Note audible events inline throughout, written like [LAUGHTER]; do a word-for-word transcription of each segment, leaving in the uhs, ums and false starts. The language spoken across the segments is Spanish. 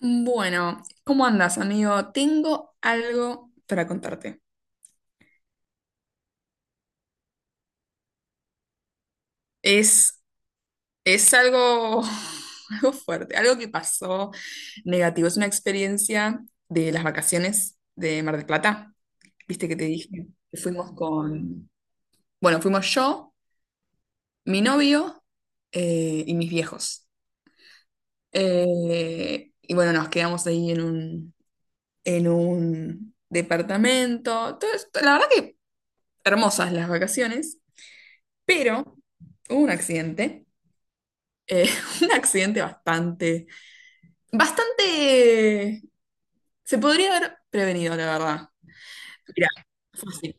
Bueno, ¿cómo andas, amigo? Tengo algo para contarte. Es, es algo, [LAUGHS] algo fuerte, algo que pasó negativo. Es una experiencia de las vacaciones de Mar del Plata. Viste que te dije que fuimos con, bueno, fuimos yo, mi novio eh, y mis viejos. Eh, y bueno, nos quedamos ahí en un, en un departamento. Todo esto- la verdad que hermosas las vacaciones. Pero hubo un accidente, eh, [LAUGHS] un accidente bastante, bastante, se podría haber prevenido, la verdad. Mira, fue así.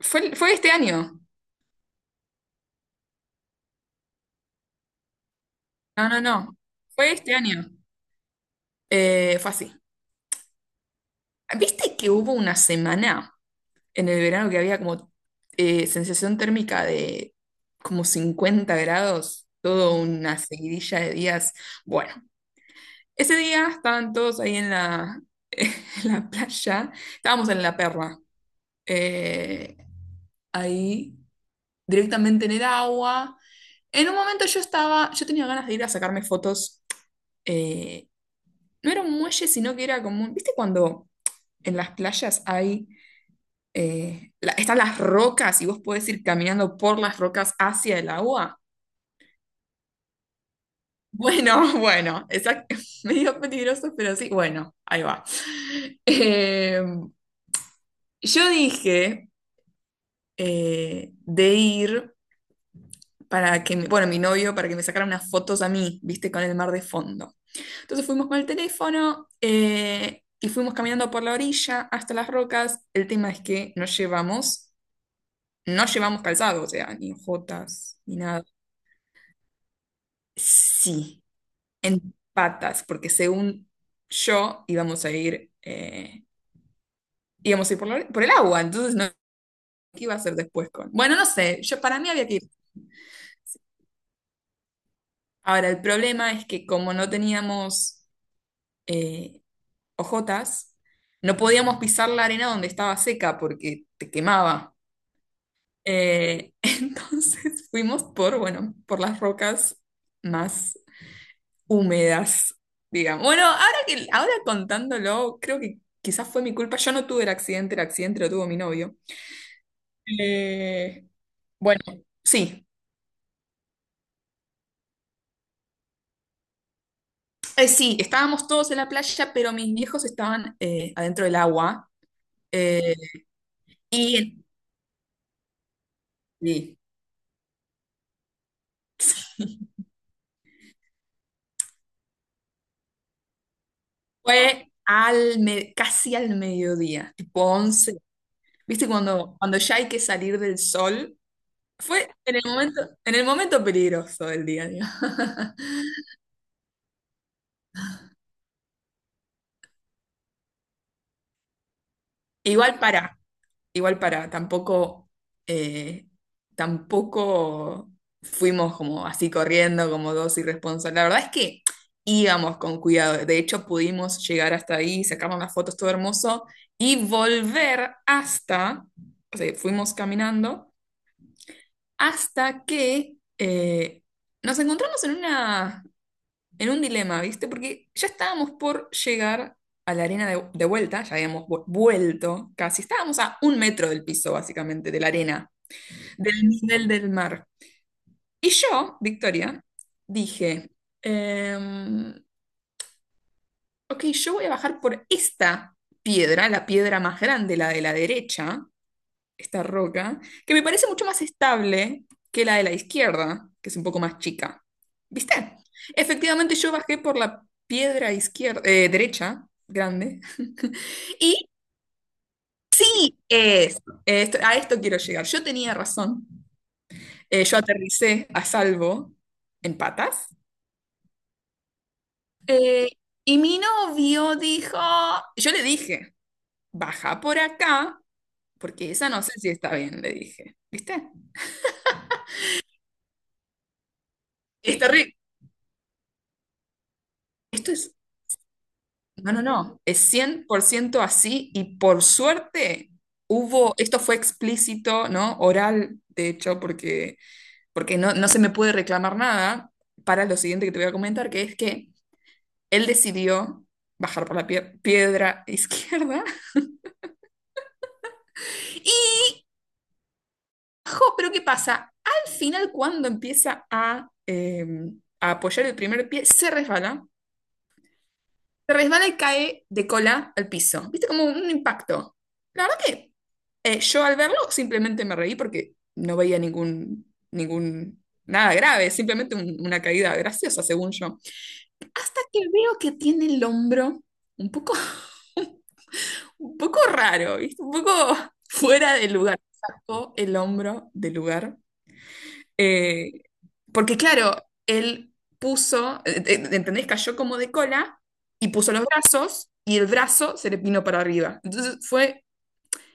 Fue, fue este año. No, no, no. Fue este año. Eh, fue así. ¿Viste que hubo una semana en el verano que había como eh, sensación térmica de como cincuenta grados, toda una seguidilla de días? Bueno, ese día estaban todos ahí en la, [LAUGHS] en la playa, estábamos en la perra, eh, ahí directamente en el agua. En un momento yo estaba, yo tenía ganas de ir a sacarme fotos, eh, no era un muelle, sino que era como, un- ¿viste cuando en las playas hay, eh, la- están las rocas y vos podés ir caminando por las rocas hacia el agua? Bueno, [LAUGHS] bueno, exacto, [LAUGHS] medio peligroso, pero sí, bueno, ahí va. [LAUGHS] Em, yo dije... eh, de ir para que, bueno, mi novio, para que me sacara unas fotos a mí, viste, con el mar de fondo. Entonces fuimos con el teléfono eh, y fuimos caminando por la orilla hasta las rocas. El tema es que no llevamos, no llevamos calzado, o sea, ni jotas, ni nada. Sí, en patas, porque según yo íbamos a ir, eh, íbamos a ir por, la por el agua, entonces no, ¿qué iba a hacer después con? Bueno, no sé, yo para mí había que ir. Ahora, el problema es que como no teníamos eh, ojotas, no podíamos pisar la arena donde estaba seca porque te quemaba. Eh, [LAUGHS] entonces fuimos por, bueno, por las rocas más húmedas, digamos. Bueno, ahora que, ahora contándolo, creo que quizás fue mi culpa. Yo no tuve el accidente, el accidente lo tuvo mi novio. Eh, bueno, sí. Eh, sí, estábamos todos en la playa, pero mis viejos estaban eh, adentro del agua. eh, y, sí. [LAUGHS] Fue al me- casi al mediodía, tipo once. ¿Viste cuando, cuando ya hay que salir del sol? Fue en el momento, en el momento peligroso del día, digo. [LAUGHS] Igual para, igual para, tampoco, eh, tampoco fuimos como así corriendo, como dos irresponsables. La verdad es que íbamos con cuidado. De hecho, pudimos llegar hasta ahí, sacarnos las fotos, todo hermoso, y volver hasta, o sea, fuimos caminando. Hasta que eh, nos encontramos en una, en un dilema, ¿viste? Porque ya estábamos por llegar a la arena de, de vuelta, ya habíamos vu- vuelto casi, estábamos a un metro del piso, básicamente, de la arena, del nivel del mar. Y yo, Victoria, dije, em, ok, yo voy a bajar por esta piedra, la piedra más grande, la de la derecha, esta roca, que me parece mucho más estable que la de la izquierda, que es un poco más chica. ¿Viste? Efectivamente, yo bajé por la piedra izquierda, eh, derecha, grande. [LAUGHS] Y es- esto- a esto quiero llegar. Yo tenía razón. Eh, yo aterricé a salvo en patas. Eh, y mi novio dijo, yo le dije, baja por acá, porque esa no sé si está bien, le dije. ¿Viste? Es terrible. Esto es. No, no, no, es cien por ciento así y por suerte hubo, esto fue explícito, ¿no? Oral, de hecho, porque, porque no, no se me puede reclamar nada para lo siguiente que te voy a comentar, que es que él decidió bajar por la pie- piedra [LAUGHS] izquierda y, jo, pero ¿qué pasa? Al final, cuando empieza a, eh, a apoyar el primer pie, se resbala. Se resbala y cae de cola al piso. ¿Viste? Como un impacto. La verdad que eh, yo al verlo simplemente me reí porque no veía ningún, ningún, nada grave, simplemente un- una caída graciosa, según yo. Hasta que veo que tiene el hombro un poco, [LAUGHS] un poco raro, ¿viste? Un poco fuera de lugar. Sacó el hombro del lugar eh, porque claro, él puso, eh, eh, ¿entendés? Cayó como de cola y puso los brazos y el brazo se le vino para arriba. Entonces fue,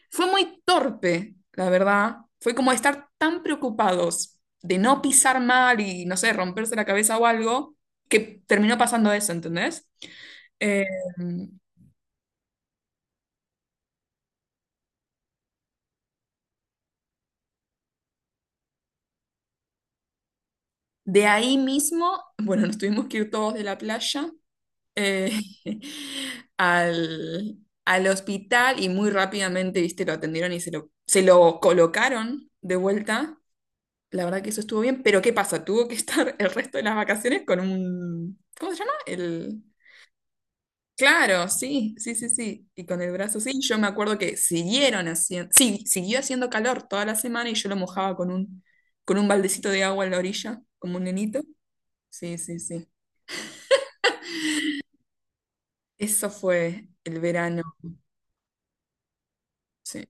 fue muy torpe, la verdad. Fue como estar tan preocupados de no pisar mal y, no sé, romperse la cabeza o algo, que terminó pasando eso, ¿entendés? Eh, de ahí mismo, bueno, nos tuvimos que ir todos de la playa eh, [LAUGHS] al, al hospital y muy rápidamente, viste, lo atendieron y se lo, se lo colocaron de vuelta. La verdad que eso estuvo bien, pero ¿qué pasa? Tuvo que [LAUGHS] estar el resto de las vacaciones con un... ¿Cómo se llama? El... Claro, sí, sí, sí, sí. Y con el brazo, sí. Yo me acuerdo que siguieron haciendo... Sí, siguió haciendo calor toda la semana y yo lo mojaba con un, con un, baldecito de agua en la orilla, como un nenito. Sí, sí, sí. Eso fue el verano. Sí.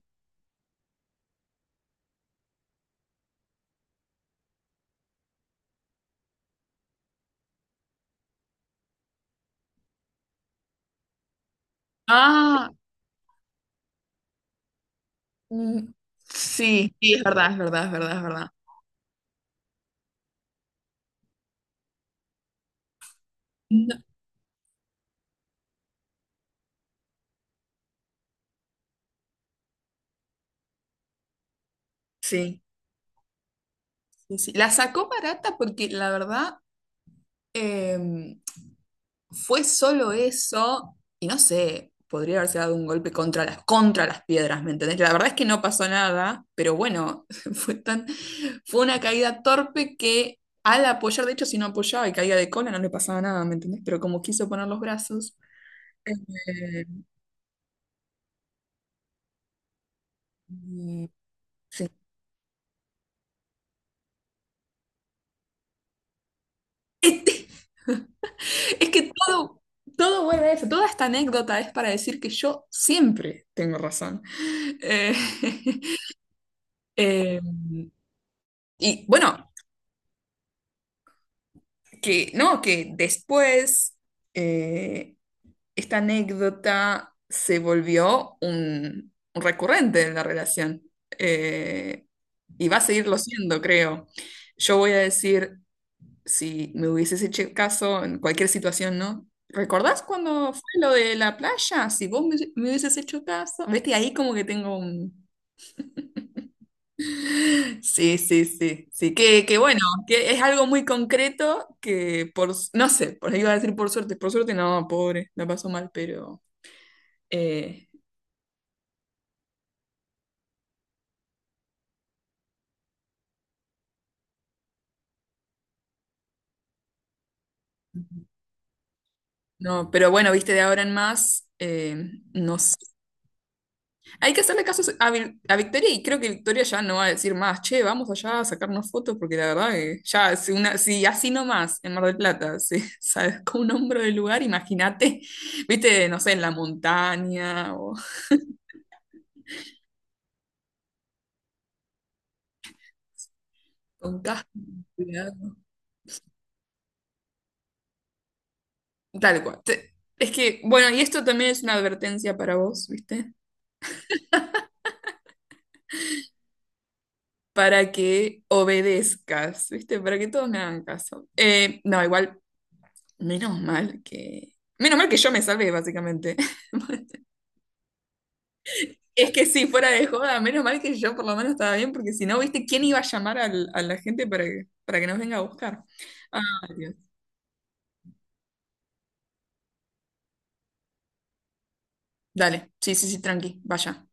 Ah. Mm. Sí, sí, es verdad, es verdad, es verdad, es verdad. No. Sí, sí, sí. La sacó barata porque la verdad em, fue solo eso y no sé, podría haberse dado un golpe contra las, contra las piedras, ¿me entendés? La verdad es que no pasó nada, pero bueno, [LAUGHS] fue tan, fue una caída torpe que al apoyar, de hecho, si no apoyaba y caía de cola no le pasaba nada, ¿me entendés? Pero como quiso poner los brazos, eh, mm, sí. [LAUGHS] Es que todo, todo vuelve a eso, toda esta anécdota es para decir que yo siempre tengo razón. Eh, [LAUGHS] eh, y bueno, que no, que después eh, esta anécdota se volvió un, un recurrente en la relación. Eh, y va a seguirlo siendo, creo. Yo voy a decir, si me hubieses hecho caso en cualquier situación, ¿no? ¿Recordás cuando fue lo de la playa? Si vos me, me hubieses hecho caso. Ves que ahí como que tengo un... [LAUGHS] Sí, sí, sí, sí, que, que bueno, que es algo muy concreto que por, s- no sé, por ahí iba a decir por suerte, por suerte no, pobre, la pasó mal, pero eh, no, pero bueno, viste, de ahora en más, eh, no sé. Hay que hacerle caso a, Vi- a Victoria y creo que Victoria ya no va a decir más, che, vamos allá a sacarnos fotos porque la verdad que ya, si, una, si así nomás en Mar del Plata se [LAUGHS] sacó un hombro del lugar, imagínate, viste, no sé, en la montaña o con casco, cuidado. Tal cual. Te- Es que, bueno, y esto también es una advertencia para vos, ¿viste? Para que obedezcas, ¿viste? Para que todos me hagan caso. Eh, no, igual, menos mal que... Menos mal que yo me salvé, básicamente. [LAUGHS] Es que sí, fuera de joda, menos mal que yo por lo menos estaba bien, porque si no, ¿viste quién iba a llamar al- a la gente para que, para que nos venga a buscar? Ah, Dios. Dale, sí, sí, sí, tranqui, vaya.